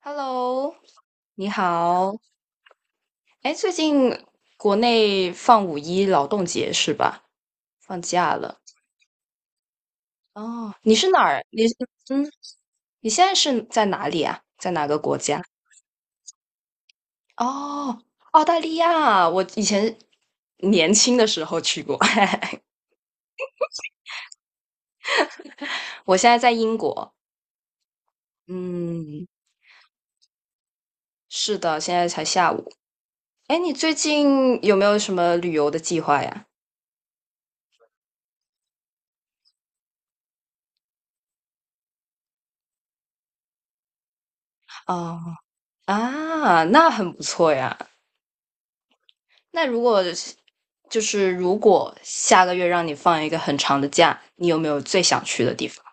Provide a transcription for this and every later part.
Hello，你好。哎，最近国内放五一劳动节是吧？放假了。哦，你是哪儿？嗯，你现在是在哪里啊？在哪个国家？哦，澳大利亚。我以前年轻的时候去过，我现在在英国。嗯，是的，现在才下午。哎，你最近有没有什么旅游的计划呀？哦，啊，那很不错呀。那如果就是如果下个月让你放一个很长的假，你有没有最想去的地方？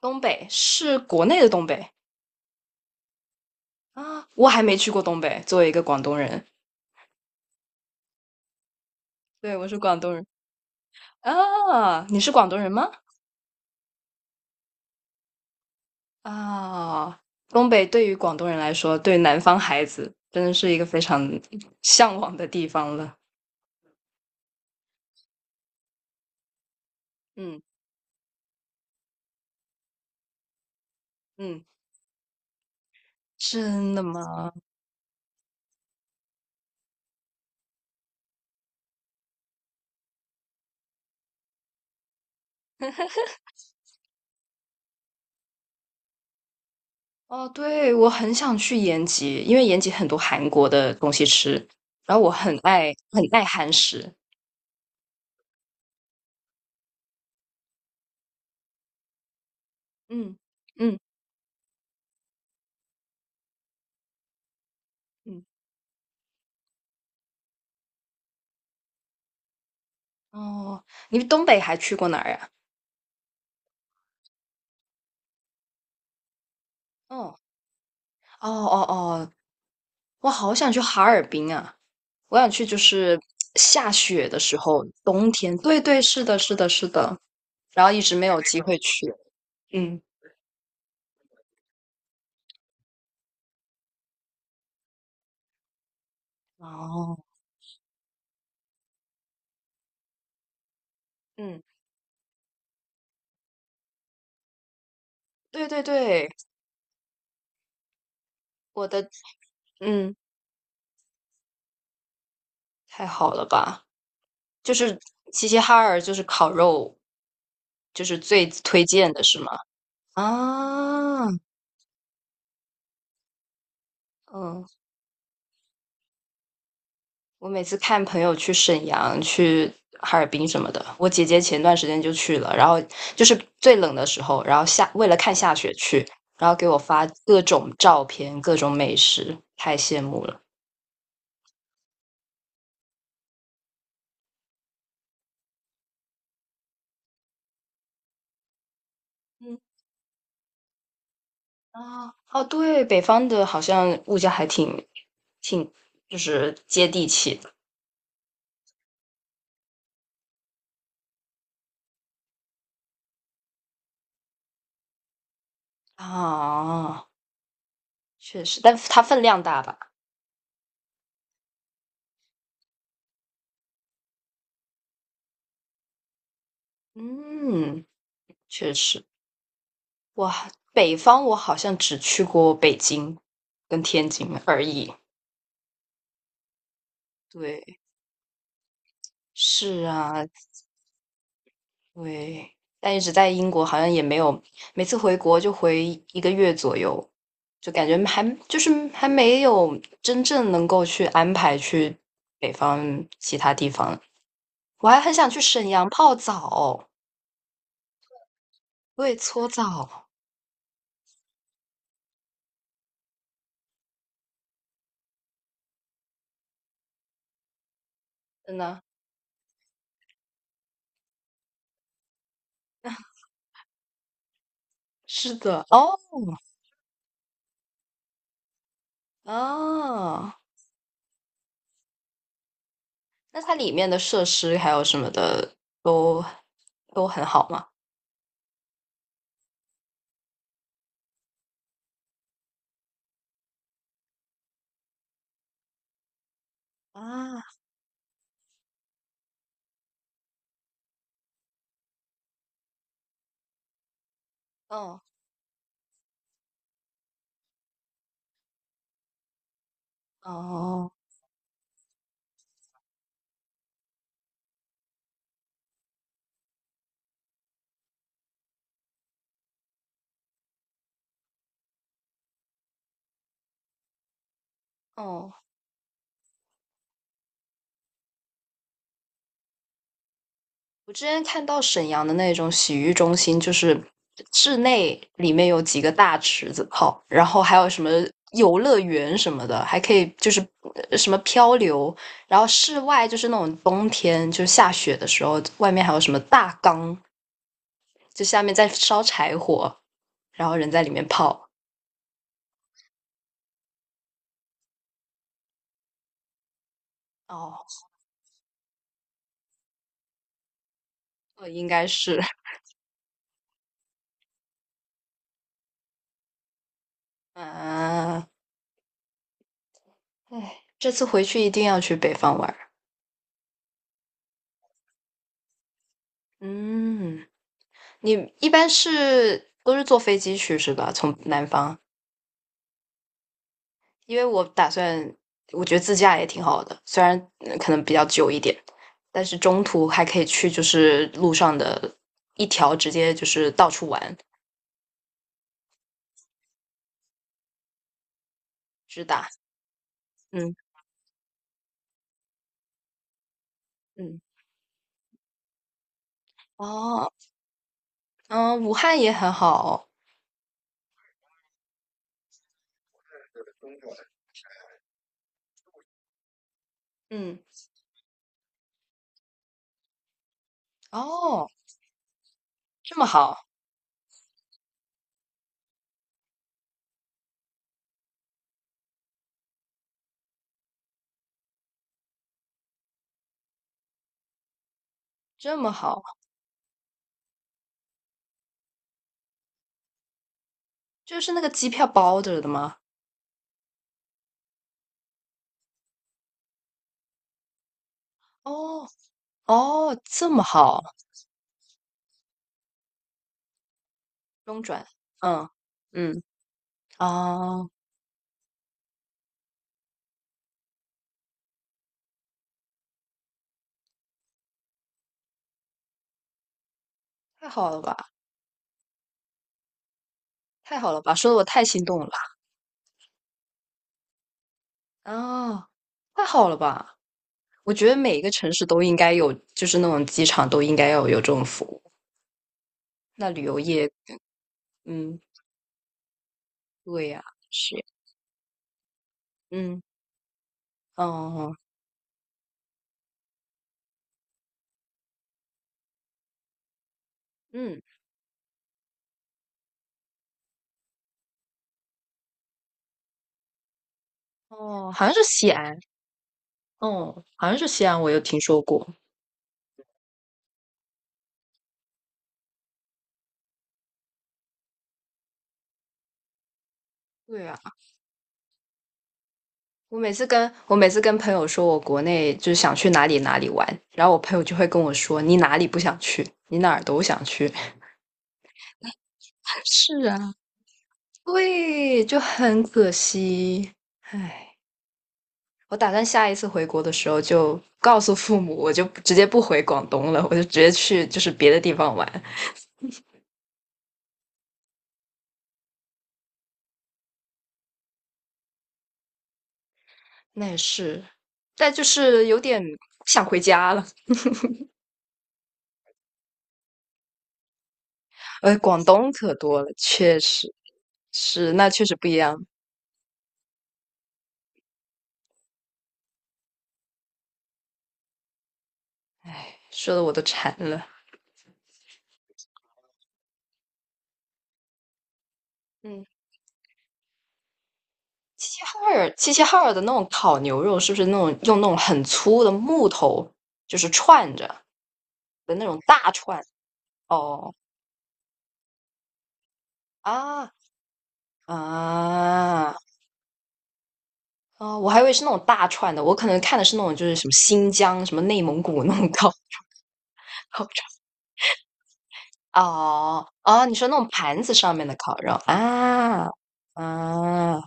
东北是国内的东北。啊，我还没去过东北。作为一个广东人，对，我是广东人。啊，你是广东人吗？啊，东北对于广东人来说，对南方孩子真的是一个非常向往的地方了。嗯嗯，真的吗？哦，对，我很想去延吉，因为延吉很多韩国的东西吃，然后我很爱韩食。嗯，嗯，嗯，哦，你东北还去过哪儿呀？哦，哦哦哦，我好想去哈尔滨啊！我想去，就是下雪的时候，冬天。对对，是的，是的，是的。然后一直没有机会去。嗯，哦，嗯，对对对，我的，嗯，太好了吧？就是齐齐哈尔，就是烤肉，就是最推荐的是吗？啊，嗯。我每次看朋友去沈阳、去哈尔滨什么的，我姐姐前段时间就去了，然后就是最冷的时候，然后下为了看下雪去，然后给我发各种照片、各种美食，太羡慕了。嗯。啊，哦，对，北方的好像物价还挺就是接地气的。啊，确实，但它分量大吧？嗯，确实。哇，北方我好像只去过北京跟天津而已。对，是啊，对，但一直在英国，好像也没有，每次回国就回一个月左右，就感觉还就是还没有真正能够去安排去北方其他地方。我还很想去沈阳泡澡，对，搓澡，真的，是的，哦，啊，那它里面的设施还有什么的都都很好吗？啊，哦，哦，哦。我之前看到沈阳的那种洗浴中心，就是室内里面有几个大池子泡，然后还有什么游乐园什么的，还可以就是什么漂流，然后室外就是那种冬天就下雪的时候，外面还有什么大缸，就下面在烧柴火，然后人在里面泡。哦，应该是，嗯、啊，哎，这次回去一定要去北方玩儿。嗯。你一般都是坐飞机去是吧？从南方，因为我打算，我觉得自驾也挺好的，虽然可能比较久一点，但是中途还可以去，就是路上的一条直接就是到处玩，直达。嗯嗯，哦，嗯，武汉也很好。嗯，哦，这么好，这么好，就是那个机票包着的吗？哦哦，这么好，中转。嗯嗯，哦，太好了吧？太好了吧，说的我太心动了。啊！太好了吧！我觉得每一个城市都应该有，就是那种机场都应该要有这种服务。那旅游业，嗯，对呀，是，嗯，哦，嗯，哦，好像是西安，哦，好像是西安，我有听说过。对啊，我每次跟朋友说我国内就是想去哪里哪里玩，然后我朋友就会跟我说你哪里不想去，你哪儿都想去。是啊，对，就很可惜，唉。我打算下一次回国的时候就告诉父母，我就直接不回广东了，我就直接去就是别的地方玩。那也是，但就是有点想回家了。呃，广东可多了，确实是，那确实不一样。说的我都馋了。嗯，齐齐哈尔的那种烤牛肉，是不是那种用那种很粗的木头，就是串着的那种大串？哦，啊啊！哦，我还以为是那种大串的，我可能看的是那种就是什么新疆、什么内蒙古那种烤串。哦哦，你说那种盘子上面的烤肉啊。啊！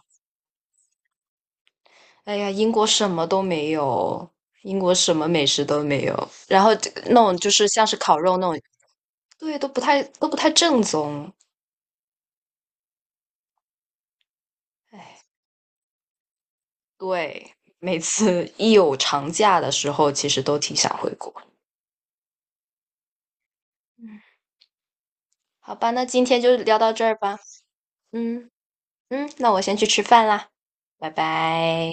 哎呀，英国什么都没有，英国什么美食都没有，然后这个那种就是像是烤肉那种，对，都不太正宗。哎，对，每次一有长假的时候，其实都挺想回国。嗯，好吧，那今天就聊到这儿吧。嗯。嗯，那我先去吃饭啦，拜拜。